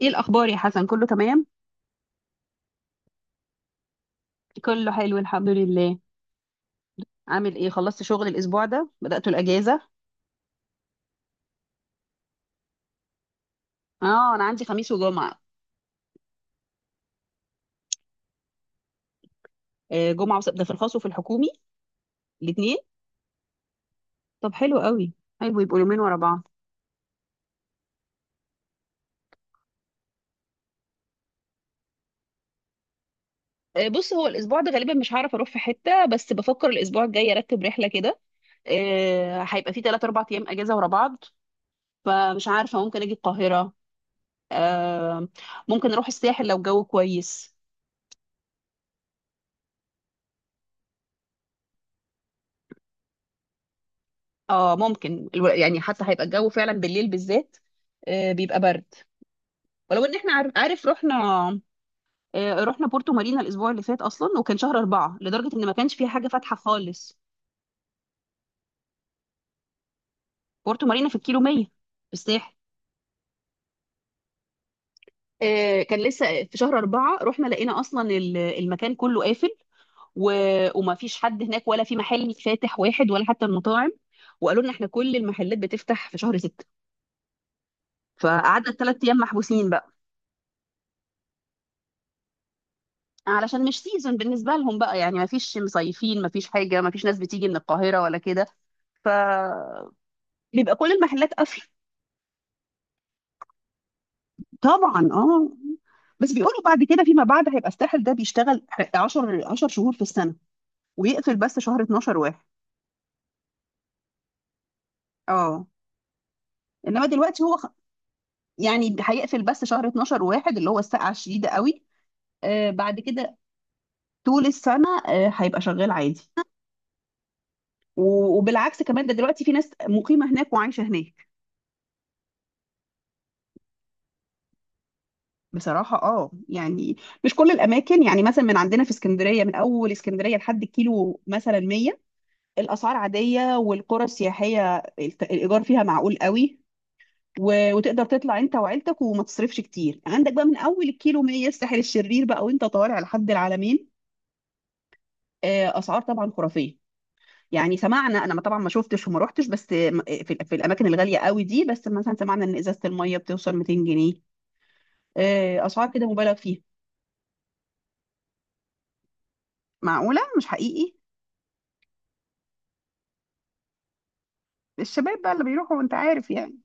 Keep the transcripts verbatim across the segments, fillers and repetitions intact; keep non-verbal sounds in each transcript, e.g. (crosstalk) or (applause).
ايه الاخبار يا حسن؟ كله تمام؟ كله حلو الحمد لله. عامل ايه؟ خلصت شغل الاسبوع ده؟ بدأت الاجازه؟ اه، انا عندي خميس وجمعه. آه، جمعه وسبت، ده في الخاص وفي الحكومي الاثنين. طب حلو قوي، حلو يبقوا يومين ورا بعض. آه بص، هو الاسبوع ده غالبا مش هعرف اروح في حته، بس بفكر الاسبوع الجاي ارتب رحله كده. آه هيبقى في ثلاثة أربعة ايام اجازه ورا بعض، فمش عارفه، ممكن اجي القاهره. آه. ممكن اروح الساحل لو الجو كويس. اه، ممكن الو- يعني حتى هيبقى الجو فعلا بالليل بالذات، آه، بيبقى برد. ولو ان احنا عار- عارف رحنا، آه، رحنا بورتو مارينا الاسبوع اللي فات اصلا، وكان شهر اربعة لدرجة ان ما كانش فيها حاجة فاتحة خالص. بورتو مارينا في الكيلو مية في الساحل. آه، كان لسه في شهر أربعة، رحنا لقينا أصلا ال- المكان كله قافل و... وما فيش حد هناك، ولا في محل فاتح واحد، ولا حتى المطاعم. وقالوا لنا احنا كل المحلات بتفتح في شهر ستة، فقعدنا الثلاث أيام محبوسين بقى. علشان مش سيزون بالنسبة لهم بقى، يعني ما فيش مصيفين، ما فيش حاجة، ما فيش ناس بتيجي من القاهرة ولا كده. ف... بيبقى كل المحلات قافله. طبعا اه. بس بيقولوا بعد كده فيما بعد هيبقى الساحل ده بيشتغل عشرة عشرة شهور في السنه، ويقفل بس شهر اتناشر واحد. اه. انما دلوقتي هو خ- يعني هيقفل بس شهر اتناشر واحد، اللي هو السقعه الشديده قوي. آه بعد كده طول السنه، آه هيبقى شغال عادي. و- وبالعكس كمان، ده دلوقتي في ناس مقيمه هناك وعايشه هناك. بصراحه اه، يعني مش كل الاماكن. يعني مثلا من عندنا في اسكندريه، من اول اسكندريه لحد الكيلو مثلا مية، الاسعار عاديه، والقرى السياحيه الت- الايجار فيها معقول قوي. و- وتقدر تطلع انت وعيلتك وما تصرفش كتير. عندك بقى من اول الكيلو مية الساحل الشرير بقى، وانت طالع لحد العلمين، آه، اسعار طبعا خرافيه. يعني سمعنا، انا ما- طبعا ما شفتش وما روحتش، بس م- في, ال- في الاماكن الغاليه قوي دي، بس مثلا سمعنا ان ازازه الميه بتوصل ميتين جنيه. آه، اسعار كده مبالغ فيها، معقوله مش حقيقي. الشباب بقى اللي بيروحوا، انت عارف يعني.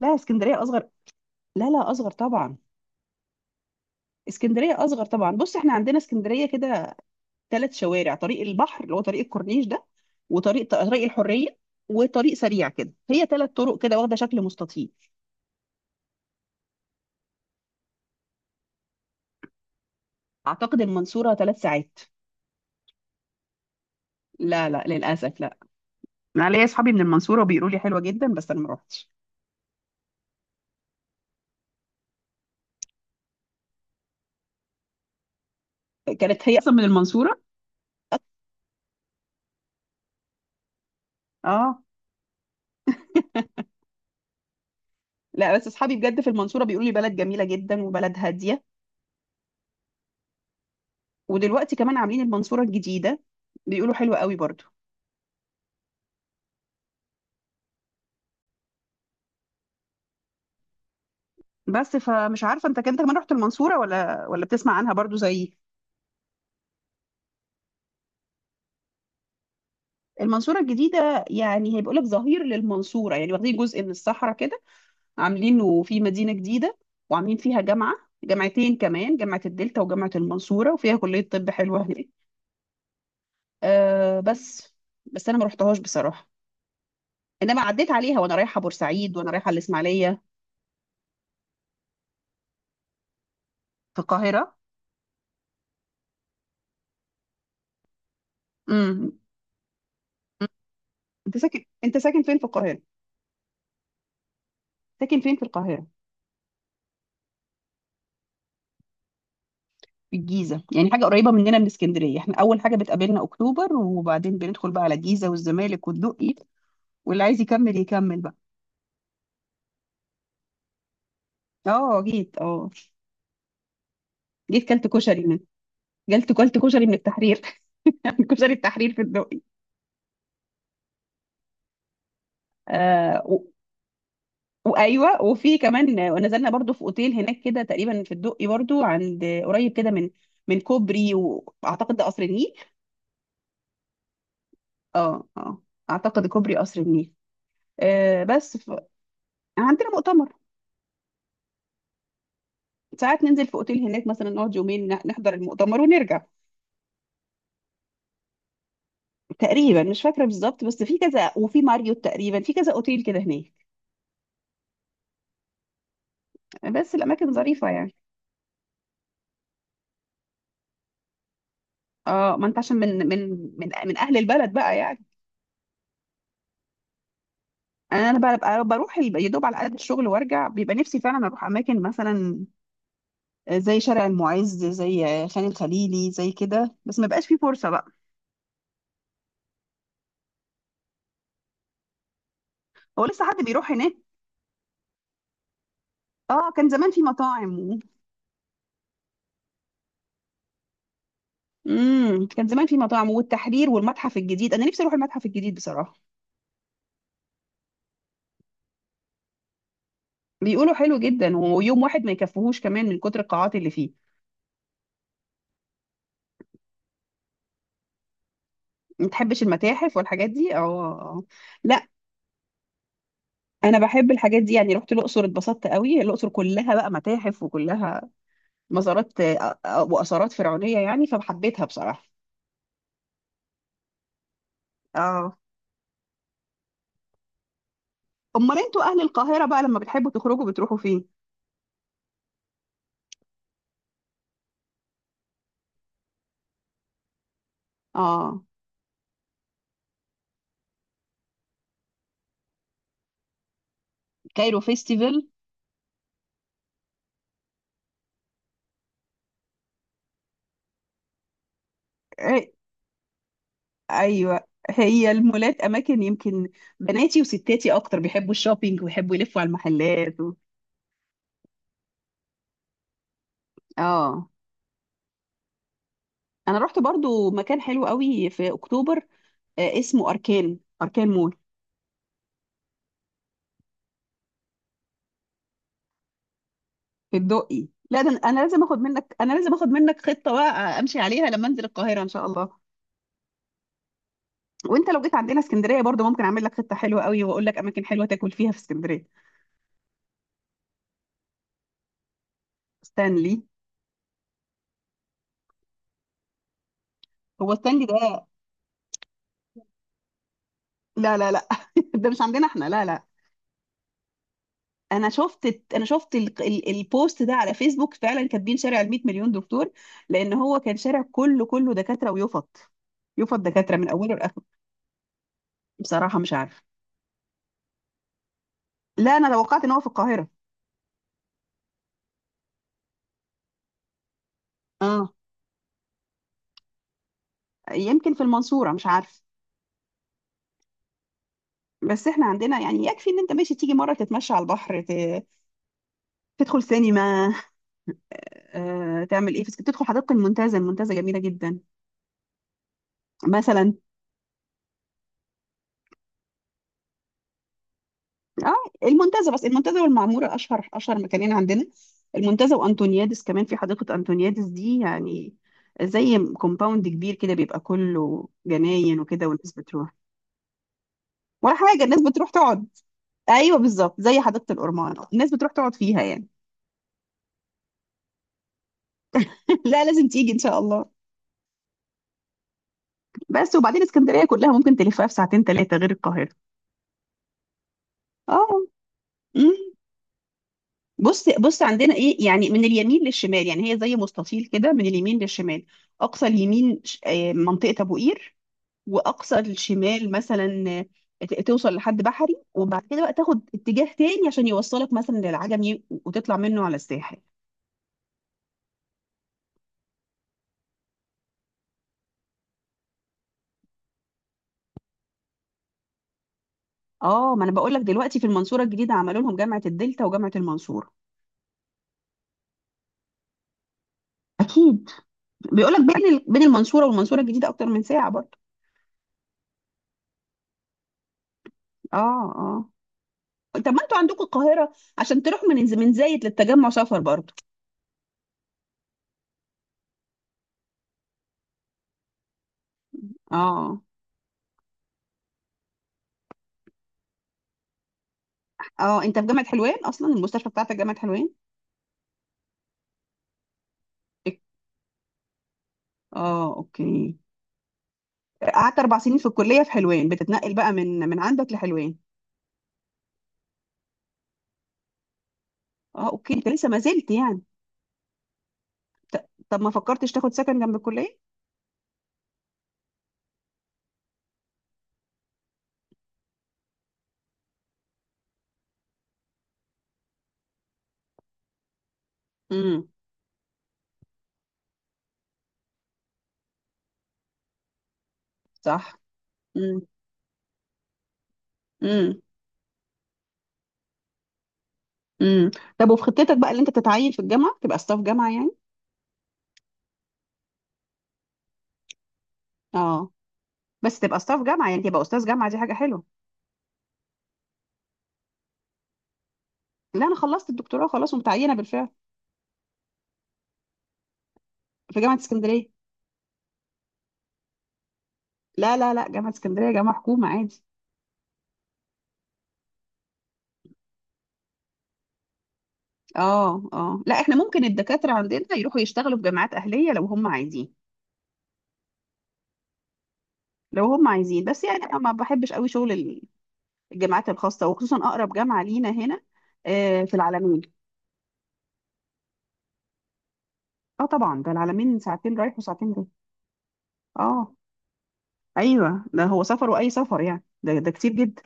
لا، اسكندريه اصغر. لا لا، اصغر طبعا. اسكندريه اصغر طبعا. بص، احنا عندنا اسكندريه كده ثلاث شوارع: طريق البحر اللي هو طريق الكورنيش ده، وطريق طريق الحريه، وطريق سريع كده. هي ثلاث طرق كده، واخده شكل مستطيل. اعتقد المنصوره ثلاث ساعات. لا لا، للاسف لا. انا ليا اصحابي من المنصوره وبيقولوا لي حلوه جدا، بس انا ما روحتش. كانت هي اصلا من المنصوره. اه. لا بس اصحابي بجد في المنصوره بيقولوا لي بلد جميله جدا، وبلد هاديه. ودلوقتي كمان عاملين المنصوره الجديده، بيقولوا حلوه قوي برضو. بس، فمش عارفه انت كنت كمان رحت المنصوره ولا، ولا بتسمع عنها برضو زيي. المنصورة الجديدة يعني هيبقى لك ظهير للمنصورة، يعني واخدين جزء من الصحراء كده، عاملينه في مدينة جديدة، وعاملين فيها جامعة، جامعتين كمان: جامعة الدلتا وجامعة المنصورة، وفيها كلية طب حلوة هناك. أه بس، بس أنا ما رحتهاش بصراحة. إنما عديت عليها وأنا رايحة بورسعيد، وأنا رايحة الإسماعيلية. في القاهرة. امم. أنت ساكن، أنت ساكن فين في القاهرة؟ ساكن فين في القاهرة؟ في الجيزة، يعني حاجة قريبة مننا من اسكندرية. احنا أول حاجة بتقابلنا أكتوبر، وبعدين بندخل بقى على الجيزة والزمالك والدقي، واللي عايز يكمل يكمل بقى. اه جيت اه. جيت كلت كشري من، جلت كلت كشري من التحرير. (laughs) كشري التحرير في الدقي. آه و... وايوه، وفي كمان، آه، ونزلنا برضو في اوتيل هناك كده تقريبا في الدقي برضو، عند قريب كده من، من كوبري واعتقد ده قصر النيل. اه اه، اعتقد كوبري قصر النيل. آه بس ف... عندنا مؤتمر. ساعات ننزل في اوتيل هناك مثلا، نقعد يومين ن- نحضر المؤتمر ونرجع. تقريبا مش فاكره بالظبط، بس في كذا، وفي ماريوت، تقريبا في كذا اوتيل كده هناك. بس الاماكن ظريفه يعني. اه، ما انت عشان من من من من اهل البلد بقى يعني. يعني انا بقى، بقى بروح ال- يا دوب على قد الشغل وارجع. بيبقى نفسي فعلا اروح اماكن مثلا، آه، زي شارع المعز، زي خان الخليلي، زي كده، بس ما بقاش فيه فرصه بقى. هو لسه حد بيروح هناك؟ اه، كان زمان في مطاعم و... امم. كان زمان في مطاعم، والتحرير، والمتحف الجديد. انا نفسي اروح المتحف الجديد بصراحه. بيقولوا حلو جدا، ويوم واحد ما يكفيهوش كمان من كتر القاعات اللي فيه. ما تحبش المتاحف والحاجات دي؟ اه آه. آه. انا بحب الحاجات دي. يعني رحت الاقصر اتبسطت قوي، الاقصر كلها بقى متاحف وكلها مزارات، آه، آه، واثارات فرعونيه يعني، فحبيتها بصراحه. اه. امال انتوا اهل القاهره بقى لما بتحبوا تخرجوا بتروحوا فين؟ اه، كايرو فيستيفال. إيه، ايوه. هي المولات اماكن، يمكن بناتي وستاتي اكتر بيحبوا الشوبينج، ويحبوا يلفوا على المحلات و... اه. انا رحت برضو مكان حلو قوي في اكتوبر، آه، اسمه اركان، اركان مول. في الدقي؟ لا ده، انا لازم اخد منك انا لازم اخد منك خطه بقى امشي عليها لما انزل القاهره ان شاء الله. وانت لو جيت عندنا اسكندريه برضو، ممكن اعمل لك خطه حلوه قوي، واقول لك اماكن حلوه تاكل فيها في اسكندريه. ستانلي. هو ستانلي ده؟ لا لا لا، (laughs) ده مش عندنا احنا، لا لا. انا شفت انا شفت ال... ال... البوست ده على فيسبوك، فعلا كاتبين شارع ال مية مليون دكتور، لان هو كان شارع كله كله دكاتره، ويفط، يفط دكاتره من اوله لاخره. بصراحه مش عارف. لا، انا توقعت ان هو في القاهره. اه، يمكن في المنصوره مش عارف. بس احنا عندنا يعني، يكفي ان انت ماشي تيجي مره تتمشى على البحر، ت- تدخل سينما، آه، تعمل ايه، تدخل حديقه المنتزه، المنتزه جميله جدا. مثلا اه، المنتزه، بس المنتزه والمعموره اشهر اشهر مكانين عندنا. المنتزه وانطونيادس، كمان في حديقه انطونيادس دي، يعني زي كومباوند كبير كده، بيبقى كله جناين وكده، والناس بتروح. ولا حاجه، الناس بتروح تقعد. ايوه بالظبط، زي حديقه الأورمان، الناس بتروح تقعد فيها يعني. (laughs) لا، لازم تيجي ان شاء الله. بس وبعدين اسكندريه كلها ممكن تلفها في ساعتين ثلاثه، غير القاهره. اه. مم. بص بص، عندنا ايه يعني من اليمين للشمال، يعني هي زي مستطيل كده، من اليمين للشمال، اقصى اليمين ش- آه، منطقه ابو قير، واقصى الشمال مثلا، آه، ت- توصل لحد بحري، وبعد كده بقى تاخد اتجاه تاني عشان يوصلك مثلا للعجمي، وتطلع منه على الساحل. اه، ما انا بقول لك دلوقتي في المنصوره الجديده عملوا لهم جامعه الدلتا وجامعه المنصوره. اكيد. بيقول لك بين ال- بين المنصوره والمنصوره الجديده اكتر من ساعه برضه. اه اه. طب ما انتوا عندكم القاهرة، عشان تروح من ز- من زايد للتجمع سفر برضه. اه اه. انت في جامعة حلوان اصلا، المستشفى بتاعتك جامعة حلوان؟ إك- اه اوكي. قعدت اربع سنين في الكلية في حلوان، بتتنقل بقى من من عندك لحلوان. اه اوكي، انت لسه ما زلت يعني. ط- طب ما فكرتش تاخد سكن جنب الكلية؟ امم. صح. امم. امم. امم. طب وفي خطتك بقى اللي انت تتعين في الجامعة، تبقى ستاف جامعة يعني. اه، بس تبقى ستاف جامعة، يعني تبقى استاذ جامعة، دي حاجة حلوة. لا، انا خلصت الدكتوراه خلاص ومتعينة بالفعل. في جامعة اسكندرية. لا لا لا، جامعة اسكندرية جامعة حكومة عادي. اه اه، لا احنا ممكن الدكاترة عندنا يروحوا يشتغلوا في جامعات أهلية لو هم عايزين. لو هم عايزين، بس يعني انا ما بحبش قوي شغل ال- الجامعات الخاصة، وخصوصا أقرب جامعة لينا هنا، آه في العالمين. اه طبعا، ده العالمين ساعتين رايح وساعتين جاي. اه ايوه، ده هو سفر، وأي سفر يعني، ده ده كتير جدا.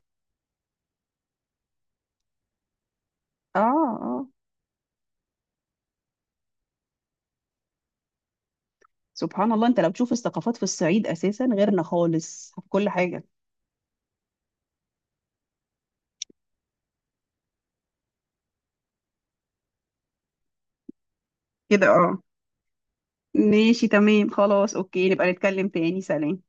اه اه. سبحان الله، انت لو تشوف الثقافات في الصعيد أساسا غيرنا خالص في كل حاجة. كده اه. ماشي تمام، خلاص اوكي، نبقى نتكلم تاني. سلام.